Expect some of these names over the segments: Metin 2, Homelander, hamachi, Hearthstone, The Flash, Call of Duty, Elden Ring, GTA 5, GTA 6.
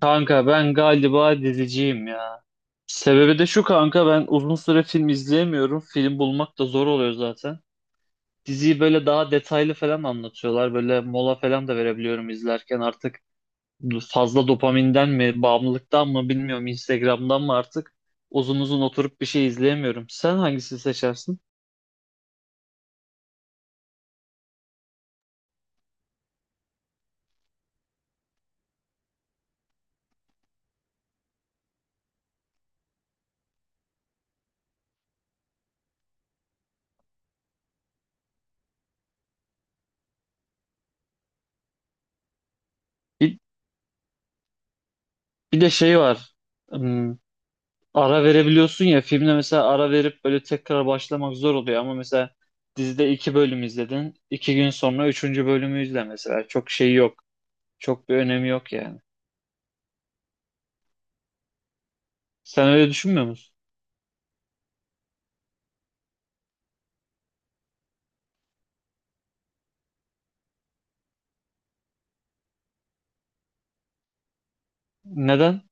Kanka ben galiba diziciyim ya. Sebebi de şu kanka ben uzun süre film izleyemiyorum. Film bulmak da zor oluyor zaten. Diziyi böyle daha detaylı falan anlatıyorlar. Böyle mola falan da verebiliyorum izlerken artık fazla dopaminden mi, bağımlılıktan mı bilmiyorum. Instagram'dan mı artık uzun uzun oturup bir şey izleyemiyorum. Sen hangisini seçersin? Bir, bir de şey var. Hmm, ara verebiliyorsun ya filmde mesela ara verip böyle tekrar başlamak zor oluyor ama mesela dizide iki bölüm izledin. 2 gün sonra üçüncü bölümü izle mesela. Çok şey yok. Çok bir önemi yok yani. Sen öyle düşünmüyor musun? Neden?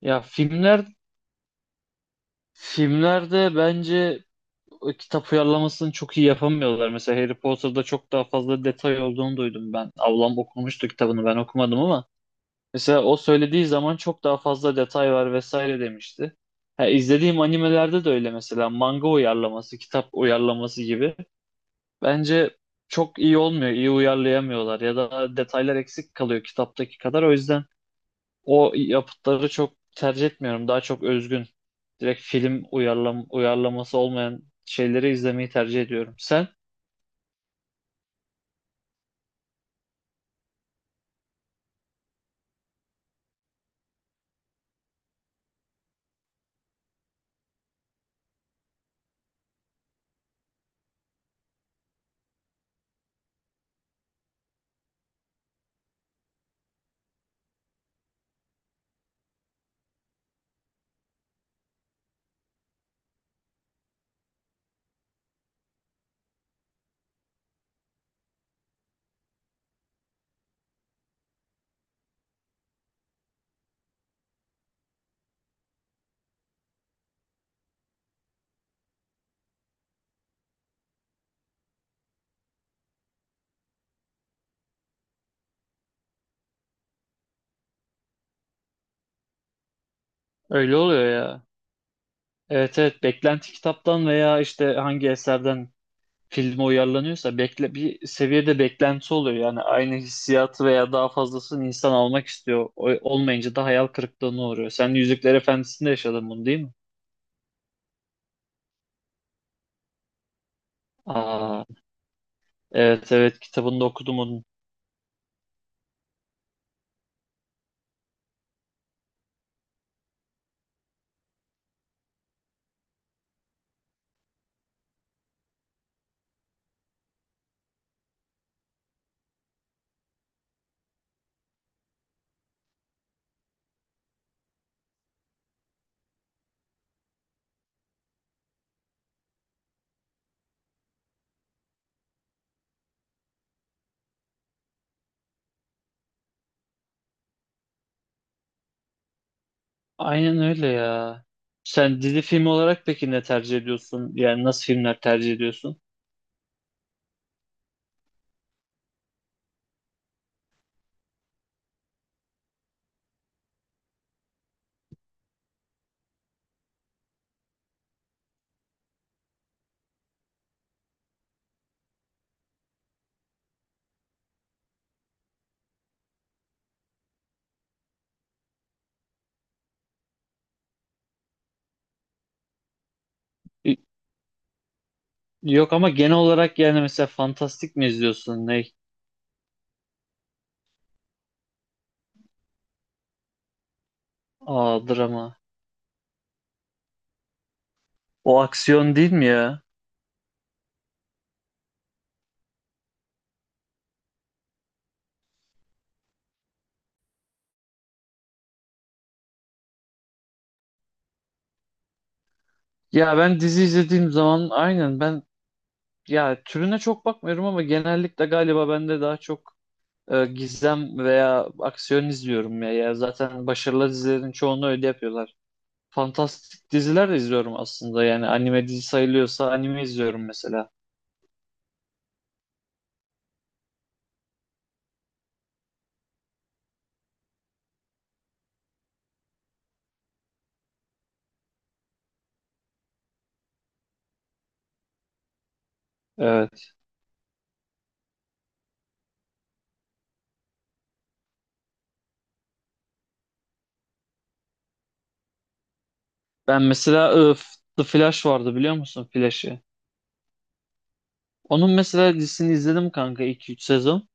Ya filmlerde bence o kitap uyarlamasını çok iyi yapamıyorlar. Mesela Harry Potter'da çok daha fazla detay olduğunu duydum ben. Ablam okumuştu kitabını ben okumadım ama mesela o söylediği zaman çok daha fazla detay var vesaire demişti. Ha, izlediğim animelerde de öyle mesela manga uyarlaması, kitap uyarlaması gibi. Bence çok iyi olmuyor, iyi uyarlayamıyorlar ya da detaylar eksik kalıyor kitaptaki kadar. O yüzden o yapıtları çok tercih etmiyorum. Daha çok özgün, direkt film uyarlaması olmayan şeyleri izlemeyi tercih ediyorum. Sen? Öyle oluyor ya. Evet, evet, beklenti kitaptan veya işte hangi eserden filme uyarlanıyorsa bekle bir seviyede beklenti oluyor. Yani aynı hissiyatı veya daha fazlasını insan almak istiyor. Olmayınca da hayal kırıklığına uğruyor. Sen Yüzükler Efendisi'nde yaşadın bunu, değil mi? Aa, evet, evet, kitabını da okudum onun. Aynen öyle ya. Sen dizi film olarak peki ne tercih ediyorsun? Yani nasıl filmler tercih ediyorsun? Y- Yok ama genel olarak yani mesela fantastik mi izliyorsun? Ne? Aa, drama. O aksiyon değil mi ya? Ya ben dizi izlediğim zaman aynen ben, ya türüne çok bakmıyorum ama genellikle galiba ben de daha çok gizem veya aksiyon izliyorum ya. Ya zaten başarılı dizilerin çoğunu öyle yapıyorlar. Fantastik diziler de izliyorum aslında. Yani anime dizi sayılıyorsa anime izliyorum mesela. Evet. Ben mesela The Flash vardı, biliyor musun Flash'ı? Onun mesela dizisini izledim kanka iki üç sezon.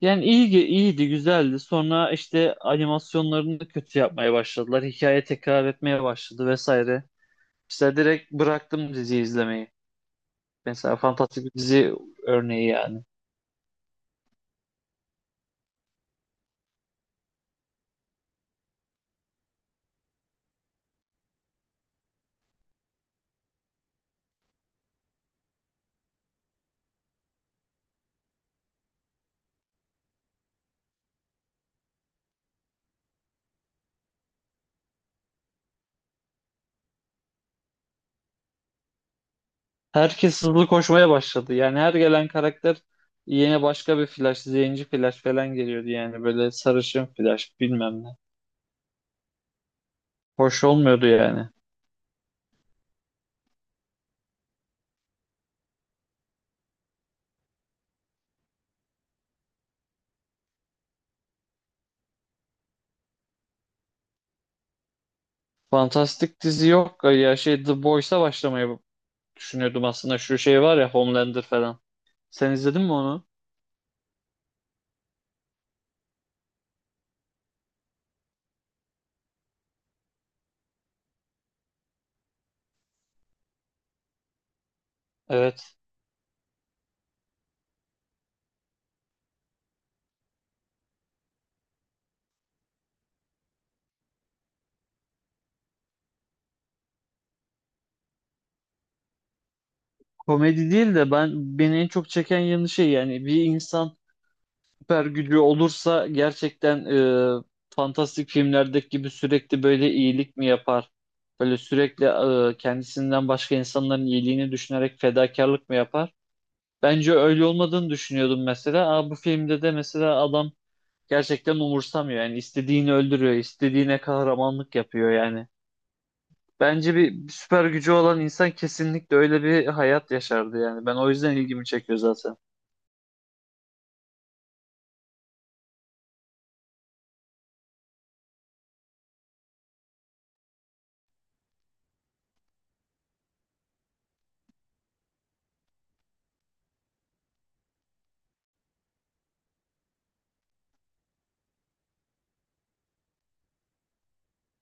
Yani iyi iyiydi, güzeldi. Sonra işte animasyonlarını da kötü yapmaya başladılar. Hikaye tekrar etmeye başladı vesaire. İşte direkt bıraktım diziyi izlemeyi. Mesela fantastik bir dizi örneği yani. Herkes hızlı koşmaya başladı. Yani her gelen karakter yine başka bir Flash, zenci Flash falan geliyordu yani. Böyle sarışın Flash bilmem ne. Hoş olmuyordu yani. Fantastik dizi yok. Ya şey, The Boys'a başlamayı düşünüyordum aslında. Şu şey var ya, Homelander falan. Sen izledin mi onu? Evet. Komedi değil de ben, beni en çok çeken yanı şey, yani bir insan süper gücü olursa gerçekten e, fantastik filmlerdeki gibi sürekli böyle iyilik mi yapar? Böyle sürekli kendisinden başka insanların iyiliğini düşünerek fedakarlık mı yapar? Bence öyle olmadığını düşünüyordum mesela. Aa, bu filmde de mesela adam gerçekten umursamıyor. Yani istediğini öldürüyor, istediğine kahramanlık yapıyor yani. Bence bir süper gücü olan insan kesinlikle öyle bir hayat yaşardı yani. Ben o yüzden ilgimi çekiyor zaten.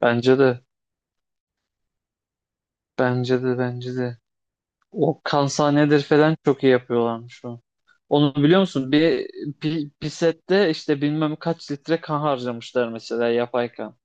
Bence de, bence de, bence de. O kansanedir falan çok iyi yapıyorlarmış o. Onu biliyor musun? Bir işte bilmem kaç litre kan harcamışlar mesela, yapay kan.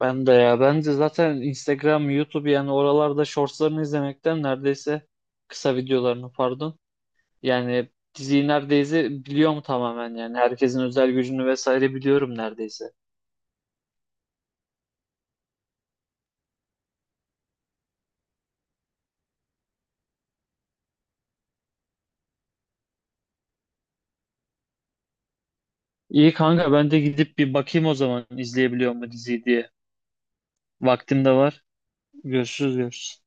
Ben de ya bence zaten Instagram, YouTube yani oralarda shortslarını izlemekten neredeyse, kısa videolarını pardon. Yani diziyi neredeyse biliyorum tamamen yani herkesin özel gücünü vesaire biliyorum neredeyse. İyi kanka, ben de gidip bir bakayım o zaman izleyebiliyor mu diziyi diye. Vaktim de var. Görüşürüz, görüşürüz.